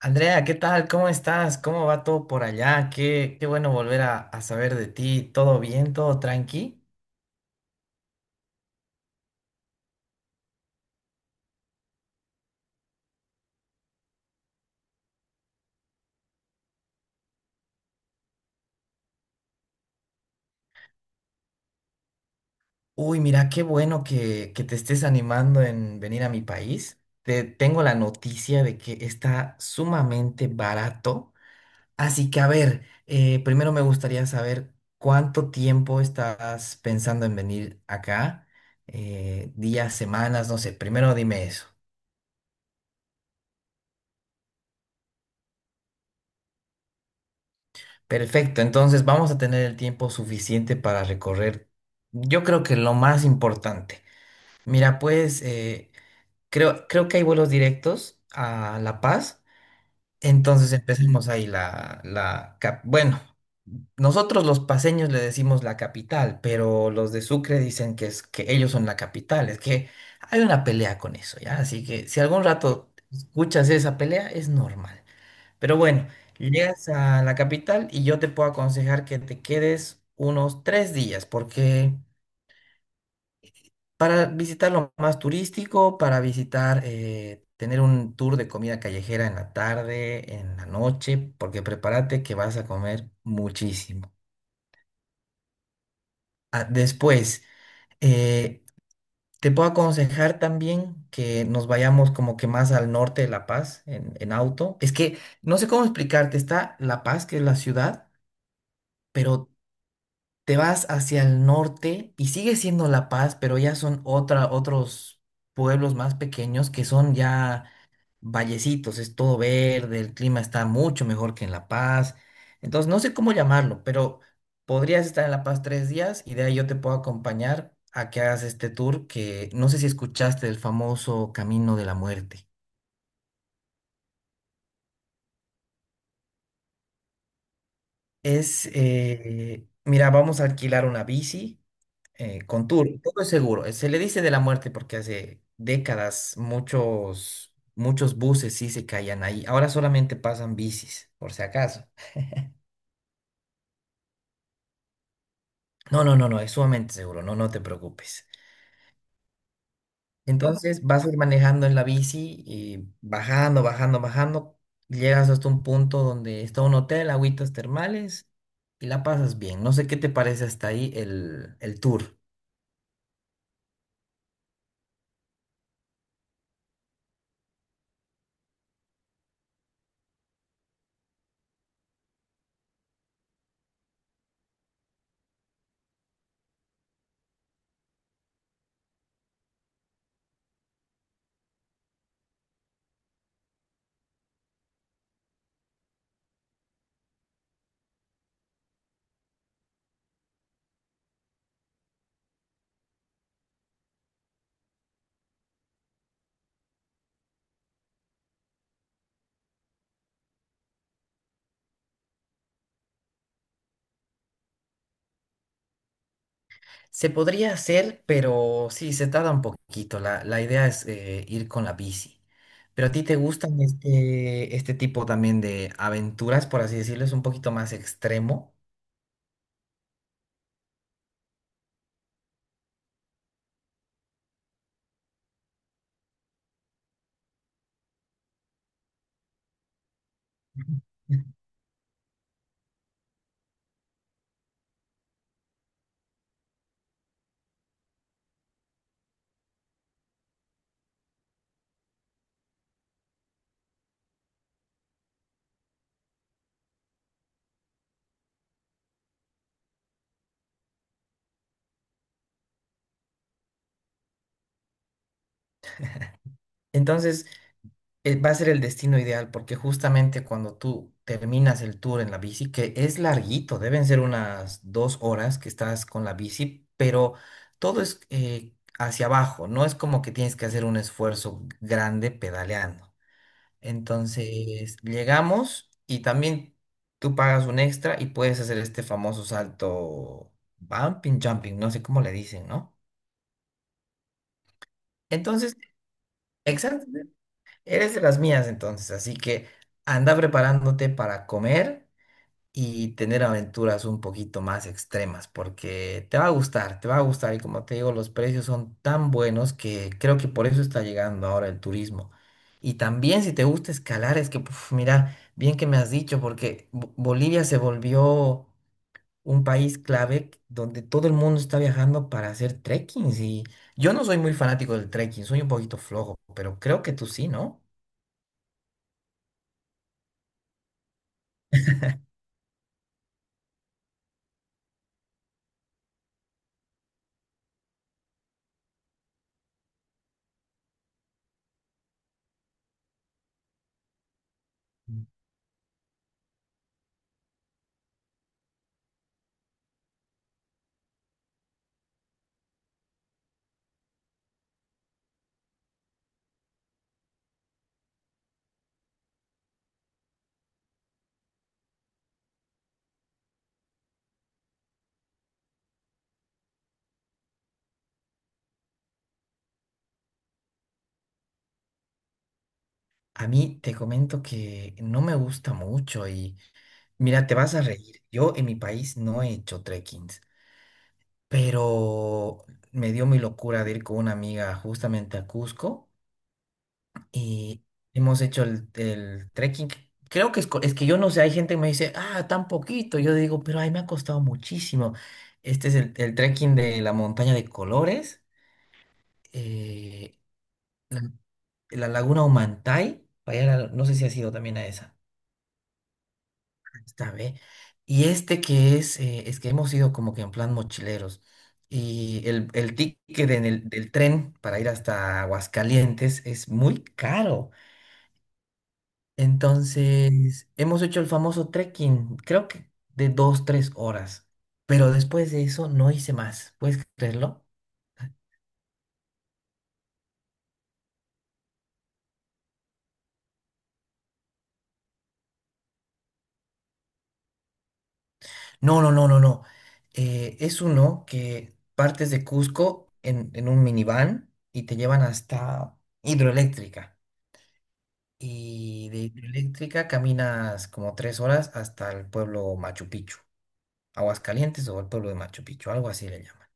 Andrea, ¿qué tal? ¿Cómo estás? ¿Cómo va todo por allá? Qué bueno volver a saber de ti. ¿Todo bien? ¿Todo tranqui? Uy, mira, qué bueno que te estés animando en venir a mi país. Te tengo la noticia de que está sumamente barato. Así que, a ver, primero me gustaría saber cuánto tiempo estás pensando en venir acá. Días, semanas, no sé. Primero dime eso. Perfecto, entonces vamos a tener el tiempo suficiente para recorrer, yo creo que lo más importante. Mira, pues creo que hay vuelos directos a La Paz, entonces empecemos ahí la bueno, nosotros los paseños le decimos la capital, pero los de Sucre dicen que es que ellos son la capital, es que hay una pelea con eso, ¿ya? Así que si algún rato escuchas esa pelea, es normal. Pero bueno, llegas a la capital y yo te puedo aconsejar que te quedes unos 3 días, porque para visitar lo más turístico, para visitar, tener un tour de comida callejera en la tarde, en la noche, porque prepárate que vas a comer muchísimo. Ah, después, eh, te puedo aconsejar también que nos vayamos como que más al norte de La Paz en auto. Es que no sé cómo explicarte, está La Paz, que es la ciudad, pero te vas hacia el norte y sigue siendo La Paz, pero ya son otros pueblos más pequeños que son ya vallecitos, es todo verde, el clima está mucho mejor que en La Paz. Entonces, no sé cómo llamarlo, pero podrías estar en La Paz 3 días y de ahí yo te puedo acompañar a que hagas este tour que no sé si escuchaste del famoso Camino de la Muerte. Es, mira, vamos a alquilar una bici con tour, todo es seguro. Se le dice de la muerte porque hace décadas muchos, muchos buses sí se caían ahí. Ahora solamente pasan bicis, por si acaso. No, no, no, no, es sumamente seguro, no, no te preocupes. Entonces vas a ir manejando en la bici y bajando, bajando, bajando. Llegas hasta un punto donde está un hotel, agüitas termales y la pasas bien. No sé qué te parece hasta ahí el tour. Se podría hacer, pero sí, se tarda un poquito. La idea es ir con la bici. Pero a ti te gustan este tipo también de aventuras, por así decirlo, es un poquito más extremo. Ujú. Entonces, va a ser el destino ideal porque justamente cuando tú terminas el tour en la bici, que es larguito, deben ser unas 2 horas que estás con la bici, pero todo es hacia abajo, no es como que tienes que hacer un esfuerzo grande pedaleando. Entonces llegamos y también tú pagas un extra y puedes hacer este famoso salto bumping, jumping, no sé cómo le dicen, ¿no? Entonces, exacto, eres de las mías entonces, así que anda preparándote para comer y tener aventuras un poquito más extremas, porque te va a gustar, te va a gustar, y como te digo, los precios son tan buenos que creo que por eso está llegando ahora el turismo. Y también si te gusta escalar, es que, puf, mira, bien que me has dicho, porque Bolivia se volvió un país clave donde todo el mundo está viajando para hacer trekkings, y yo no soy muy fanático del trekking, soy un poquito flojo, pero creo que tú sí, ¿no? A mí te comento que no me gusta mucho, y mira, te vas a reír. Yo en mi país no he hecho trekkings, pero me dio mi locura de ir con una amiga justamente a Cusco, y hemos hecho el trekking. Creo que es, es que yo no sé, hay gente que me dice, ah, tan poquito. Yo digo, pero ay, me ha costado muchísimo. Este es el trekking de la montaña de colores, eh, la, la laguna Humantay. Para allá, no sé si has ido también a esa. Está bien. Y este que es que hemos ido como que en plan mochileros. Y el ticket del tren para ir hasta Aguascalientes es muy caro. Entonces, hemos hecho el famoso trekking, creo que de 2, 3 horas. Pero después de eso no hice más. ¿Puedes creerlo? No, no, no, no, no. Es uno que partes de Cusco en un minivan y te llevan hasta Hidroeléctrica. Y de Hidroeléctrica caminas como 3 horas hasta el pueblo Machu Picchu, Aguascalientes, o el pueblo de Machu Picchu, algo así le llaman.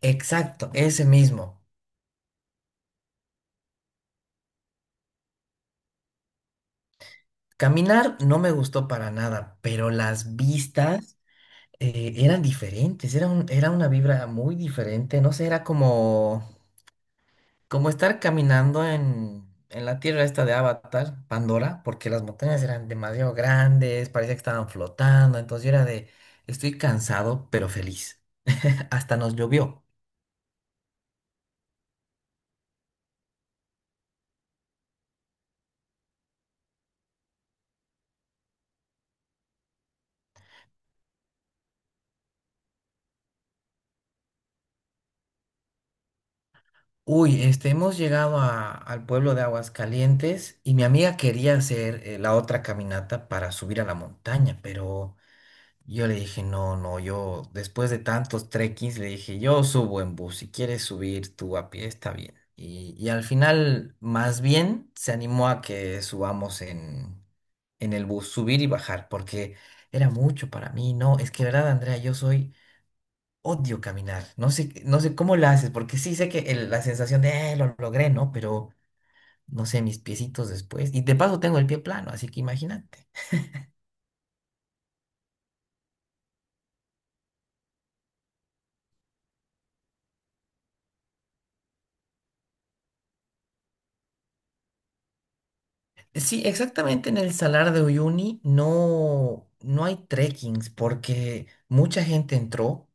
Exacto, ese mismo. Caminar no me gustó para nada, pero las vistas eran diferentes, era era una vibra muy diferente, no sé, era como estar caminando en la tierra esta de Avatar, Pandora, porque las montañas eran demasiado grandes, parecía que estaban flotando, entonces yo era de, estoy cansado pero feliz. Hasta nos llovió. Uy, este, hemos llegado al pueblo de Aguascalientes, y mi amiga quería hacer la otra caminata para subir a la montaña, pero yo le dije, no, no, yo después de tantos trekkings le dije, yo subo en bus, si quieres subir tú a pie, está bien. Y al final, más bien, se animó a que subamos en el bus, subir y bajar, porque era mucho para mí, ¿no? Es que, verdad, Andrea, yo soy. Odio caminar. No sé cómo la haces, porque sí sé que la sensación de: lo logré, ¿no?". Pero no sé, mis piecitos después. Y de paso tengo el pie plano, así que imagínate. Sí, exactamente en el Salar de Uyuni no, no hay trekkings, porque mucha gente entró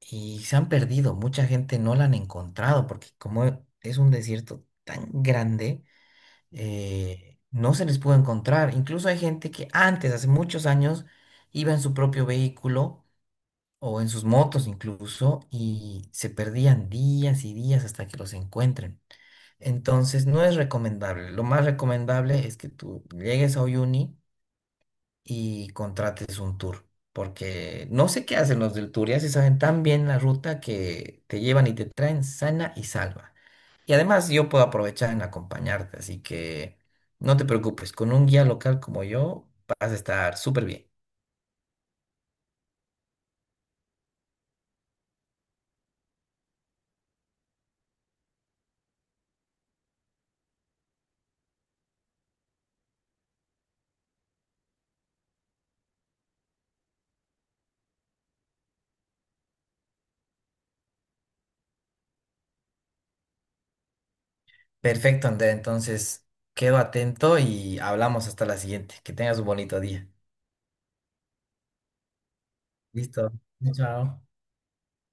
y se han perdido, mucha gente no la han encontrado porque como es un desierto tan grande, no se les pudo encontrar. Incluso hay gente que antes, hace muchos años, iba en su propio vehículo o en sus motos incluso, y se perdían días y días hasta que los encuentren. Entonces, no es recomendable. Lo más recomendable es que tú llegues a Uyuni y contrates un tour, porque no sé qué hacen los del tour, ya se saben tan bien la ruta que te llevan y te traen sana y salva. Y además yo puedo aprovechar en acompañarte, así que no te preocupes, con un guía local como yo vas a estar súper bien. Perfecto, Andrea. Entonces, quedo atento y hablamos hasta la siguiente. Que tengas un bonito día. Listo. Chao.